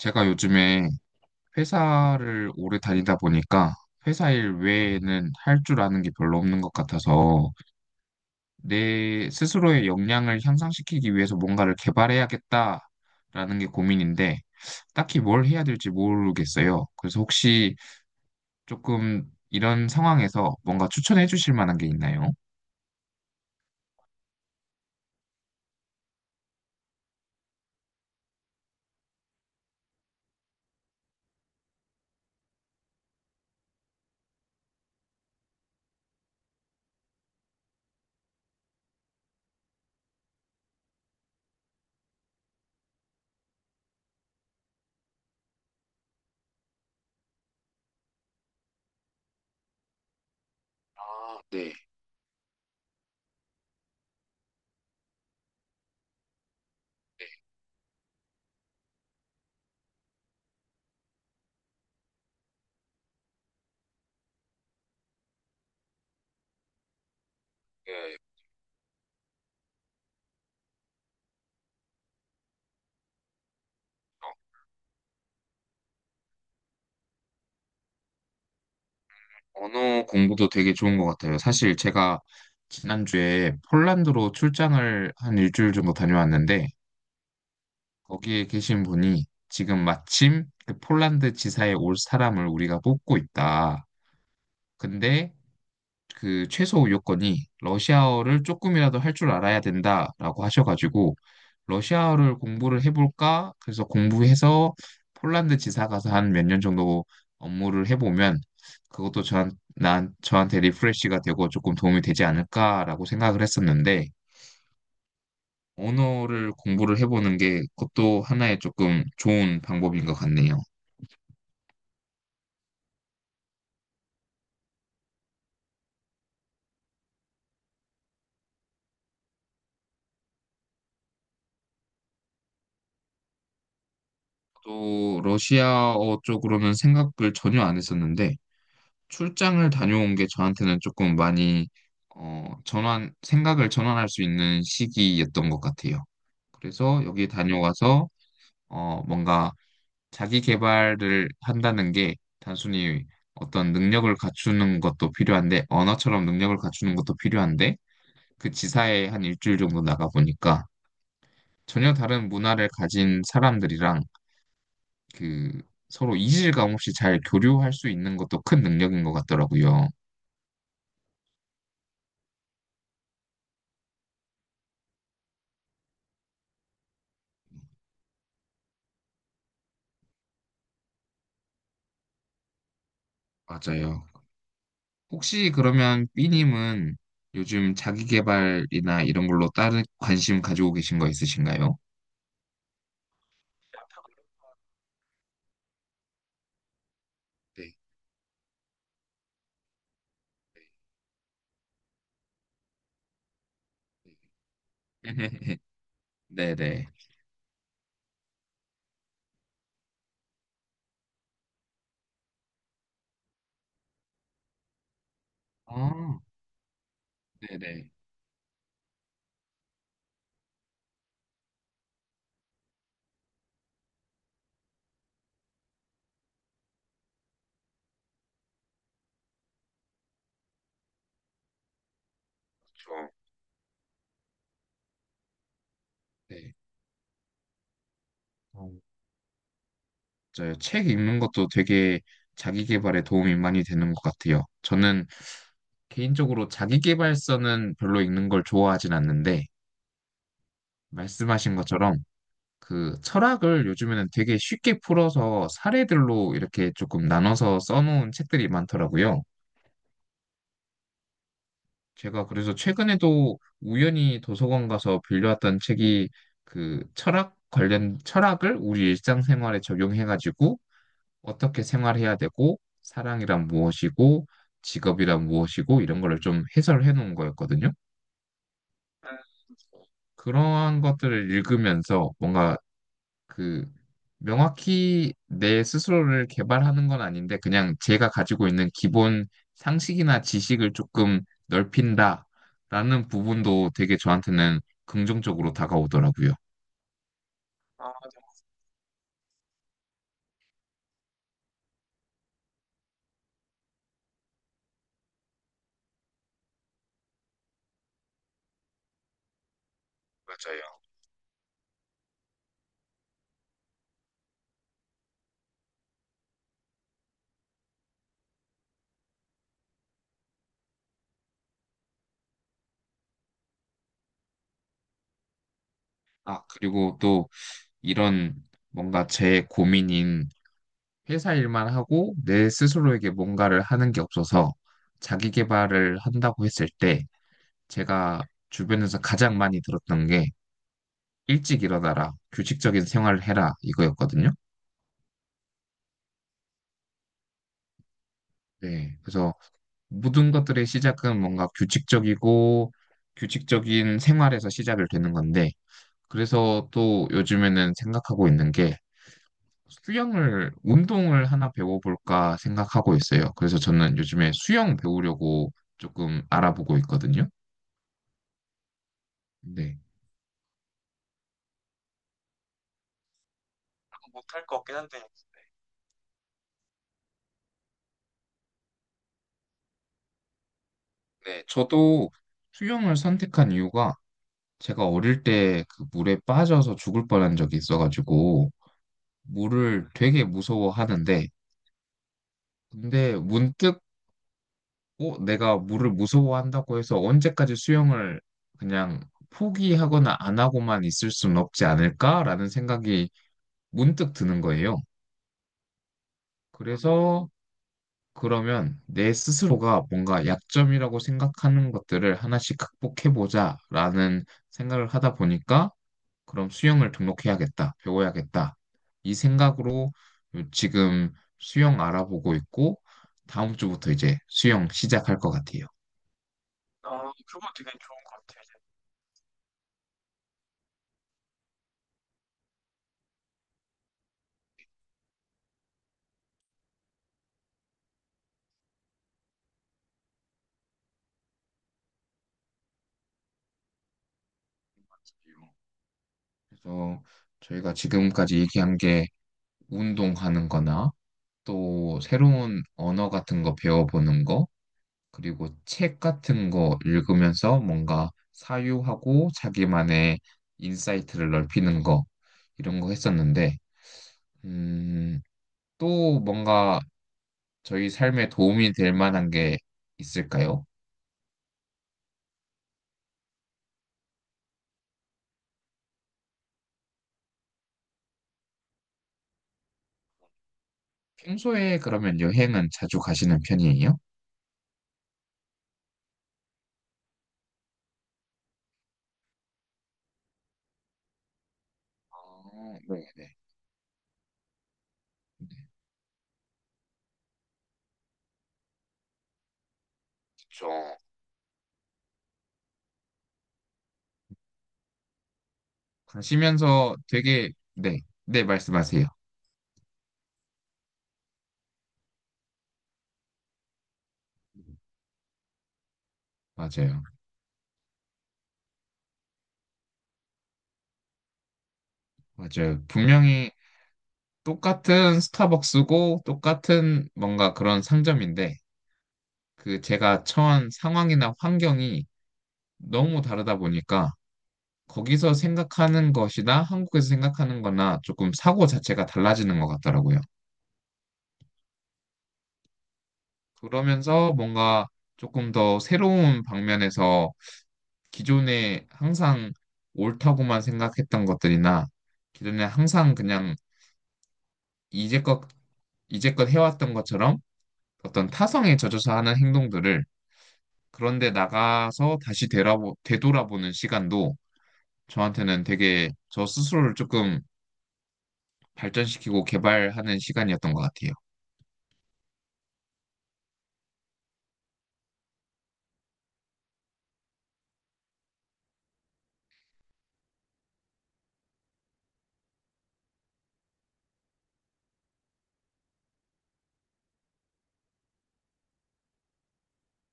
제가 요즘에 회사를 오래 다니다 보니까 회사 일 외에는 할 줄 아는 게 별로 없는 것 같아서 내 스스로의 역량을 향상시키기 위해서 뭔가를 개발해야겠다라는 게 고민인데 딱히 뭘 해야 될지 모르겠어요. 그래서 혹시 조금 이런 상황에서 뭔가 추천해 주실 만한 게 있나요? 아, 네. 예, 언어 공부도 되게 좋은 것 같아요. 사실 제가 지난주에 폴란드로 출장을 한 일주일 정도 다녀왔는데 거기에 계신 분이 지금 마침 그 폴란드 지사에 올 사람을 우리가 뽑고 있다. 근데 그 최소 요건이 러시아어를 조금이라도 할 줄 알아야 된다라고 하셔가지고 러시아어를 공부를 해볼까? 그래서 공부해서 폴란드 지사 가서 한 몇 년 정도 업무를 해보면 그것도 저한테 리프레시가 되고 조금 도움이 되지 않을까라고 생각을 했었는데 언어를 공부를 해보는 게 그것도 하나의 조금 좋은 방법인 것 같네요. 또 러시아어 쪽으로는 생각을 전혀 안 했었는데 출장을 다녀온 게 저한테는 조금 많이 어, 전환 생각을 전환할 수 있는 시기였던 것 같아요. 그래서 여기 다녀와서 뭔가 자기 개발을 한다는 게 단순히 어떤 능력을 갖추는 것도 필요한데 언어처럼 능력을 갖추는 것도 필요한데 그 지사에 한 일주일 정도 나가 보니까 전혀 다른 문화를 가진 사람들이랑 그 서로 이질감 없이 잘 교류할 수 있는 것도 큰 능력인 것 같더라고요. 맞아요. 혹시 그러면 B님은 요즘 자기계발이나 이런 걸로 다른 관심 가지고 계신 거 있으신가요? 네. 네네. 아, 네네. 좋아. 네. 어, 맞아요. 책 읽는 것도 되게 자기계발에 도움이 많이 되는 것 같아요. 저는 개인적으로 자기계발서는 별로 읽는 걸 좋아하진 않는데, 말씀하신 것처럼 그 철학을 요즘에는 되게 쉽게 풀어서 사례들로 이렇게 조금 나눠서 써놓은 책들이 많더라고요. 제가 그래서 최근에도 우연히 도서관 가서 빌려왔던 책이 그 철학 관련 철학을 우리 일상생활에 적용해가지고 어떻게 생활해야 되고 사랑이란 무엇이고 직업이란 무엇이고 이런 거를 좀 해설해 놓은 거였거든요. 그러한 것들을 읽으면서 뭔가 그 명확히 내 스스로를 개발하는 건 아닌데 그냥 제가 가지고 있는 기본 상식이나 지식을 조금 넓힌다라는 부분도 되게 저한테는 긍정적으로 다가오더라고요. 아, 맞아요. 아, 그리고 또 이런 뭔가 제 고민인 회사 일만 하고 내 스스로에게 뭔가를 하는 게 없어서 자기 개발을 한다고 했을 때 제가 주변에서 가장 많이 들었던 게 일찍 일어나라, 규칙적인 생활을 해라 이거였거든요. 네, 그래서 모든 것들의 시작은 뭔가 규칙적이고 규칙적인 생활에서 시작을 되는 건데, 그래서 또 요즘에는 생각하고 있는 게 수영을, 운동을 하나 배워볼까 생각하고 있어요. 그래서 저는 요즘에 수영 배우려고 조금 알아보고 있거든요. 네. 네, 저도 수영을 선택한 이유가 제가 어릴 때 그 물에 빠져서 죽을 뻔한 적이 있어가지고, 물을 되게 무서워하는데, 근데 문득, 내가 물을 무서워한다고 해서 언제까지 수영을 그냥 포기하거나 안 하고만 있을 수는 없지 않을까라는 생각이 문득 드는 거예요. 그래서 그러면 내 스스로가 뭔가 약점이라고 생각하는 것들을 하나씩 극복해보자라는 생각을 하다 보니까 그럼 수영을 등록해야겠다, 배워야겠다. 이 생각으로 지금 수영 알아보고 있고 다음 주부터 이제 수영 시작할 것 같아요. 아, 그거 되게 좋은 것 같아요. 진짜요. 그래서 저희가 지금까지 얘기한 게 운동하는 거나 또 새로운 언어 같은 거 배워보는 거 그리고 책 같은 거 읽으면서 뭔가 사유하고 자기만의 인사이트를 넓히는 거 이런 거 했었는데 음, 또 뭔가 저희 삶에 도움이 될 만한 게 있을까요? 평소에 그러면 여행은 자주 가시는 편이에요? 아, 네, 네. 그렇죠. 가시면서 되게 네, 네 말씀하세요. 맞아요. 맞아요. 분명히 똑같은 스타벅스고 똑같은 뭔가 그런 상점인데 그 제가 처한 상황이나 환경이 너무 다르다 보니까 거기서 생각하는 것이나 한국에서 생각하는 거나 조금 사고 자체가 달라지는 것 같더라고요. 그러면서 뭔가 조금 더 새로운 방면에서 기존에 항상 옳다고만 생각했던 것들이나 기존에 항상 그냥 이제껏, 이제껏 해왔던 것처럼 어떤 타성에 젖어서 하는 행동들을 그런데 나가서 다시 되돌아보는 시간도 저한테는 되게 저 스스로를 조금 발전시키고 개발하는 시간이었던 것 같아요.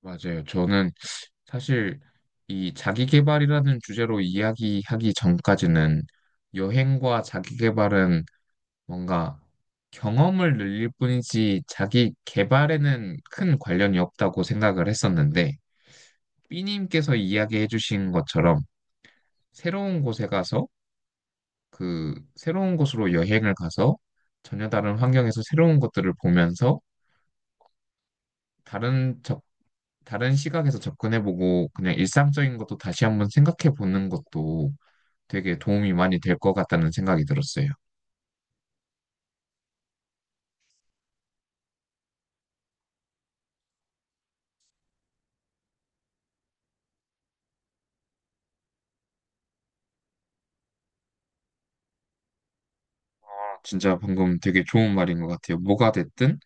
맞아요. 저는 사실 이 자기계발이라는 주제로 이야기하기 전까지는 여행과 자기계발은 뭔가 경험을 늘릴 뿐이지 자기계발에는 큰 관련이 없다고 생각을 했었는데, 삐님께서 이야기해 주신 것처럼 새로운 곳에 가서 그 새로운 곳으로 여행을 가서 전혀 다른 환경에서 새로운 것들을 보면서 다른 접, 다른 시각에서 접근해보고 그냥 일상적인 것도 다시 한번 생각해보는 것도 되게 도움이 많이 될 것 같다는 생각이 들었어요. 진짜 방금 되게 좋은 말인 것 같아요. 뭐가 됐든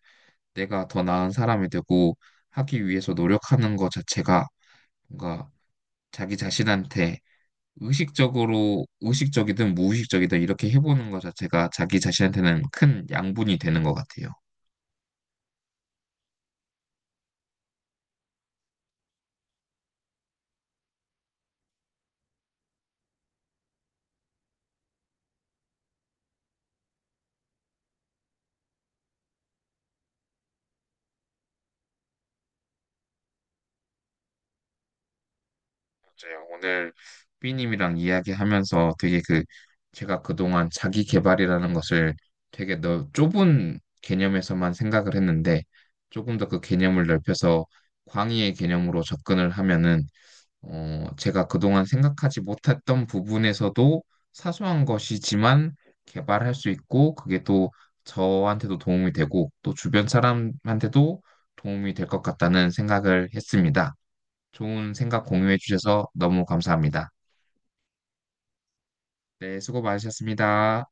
내가 더 나은 사람이 되고 하기 위해서 노력하는 것 자체가 뭔가 자기 자신한테 의식적이든 무의식적이든 이렇게 해보는 것 자체가 자기 자신한테는 큰 양분이 되는 것 같아요. 맞아요. 오늘 삐님이랑 이야기하면서 되게 그, 제가 그동안 자기 개발이라는 것을 되게 좁은 개념에서만 생각을 했는데 조금 더 그 개념을 넓혀서 광의의 개념으로 접근을 하면은 제가 그동안 생각하지 못했던 부분에서도 사소한 것이지만 개발할 수 있고 그게 또 저한테도 도움이 되고 또 주변 사람한테도 도움이 될 것 같다는 생각을 했습니다. 좋은 생각 공유해 주셔서 너무 감사합니다. 네, 수고 많으셨습니다.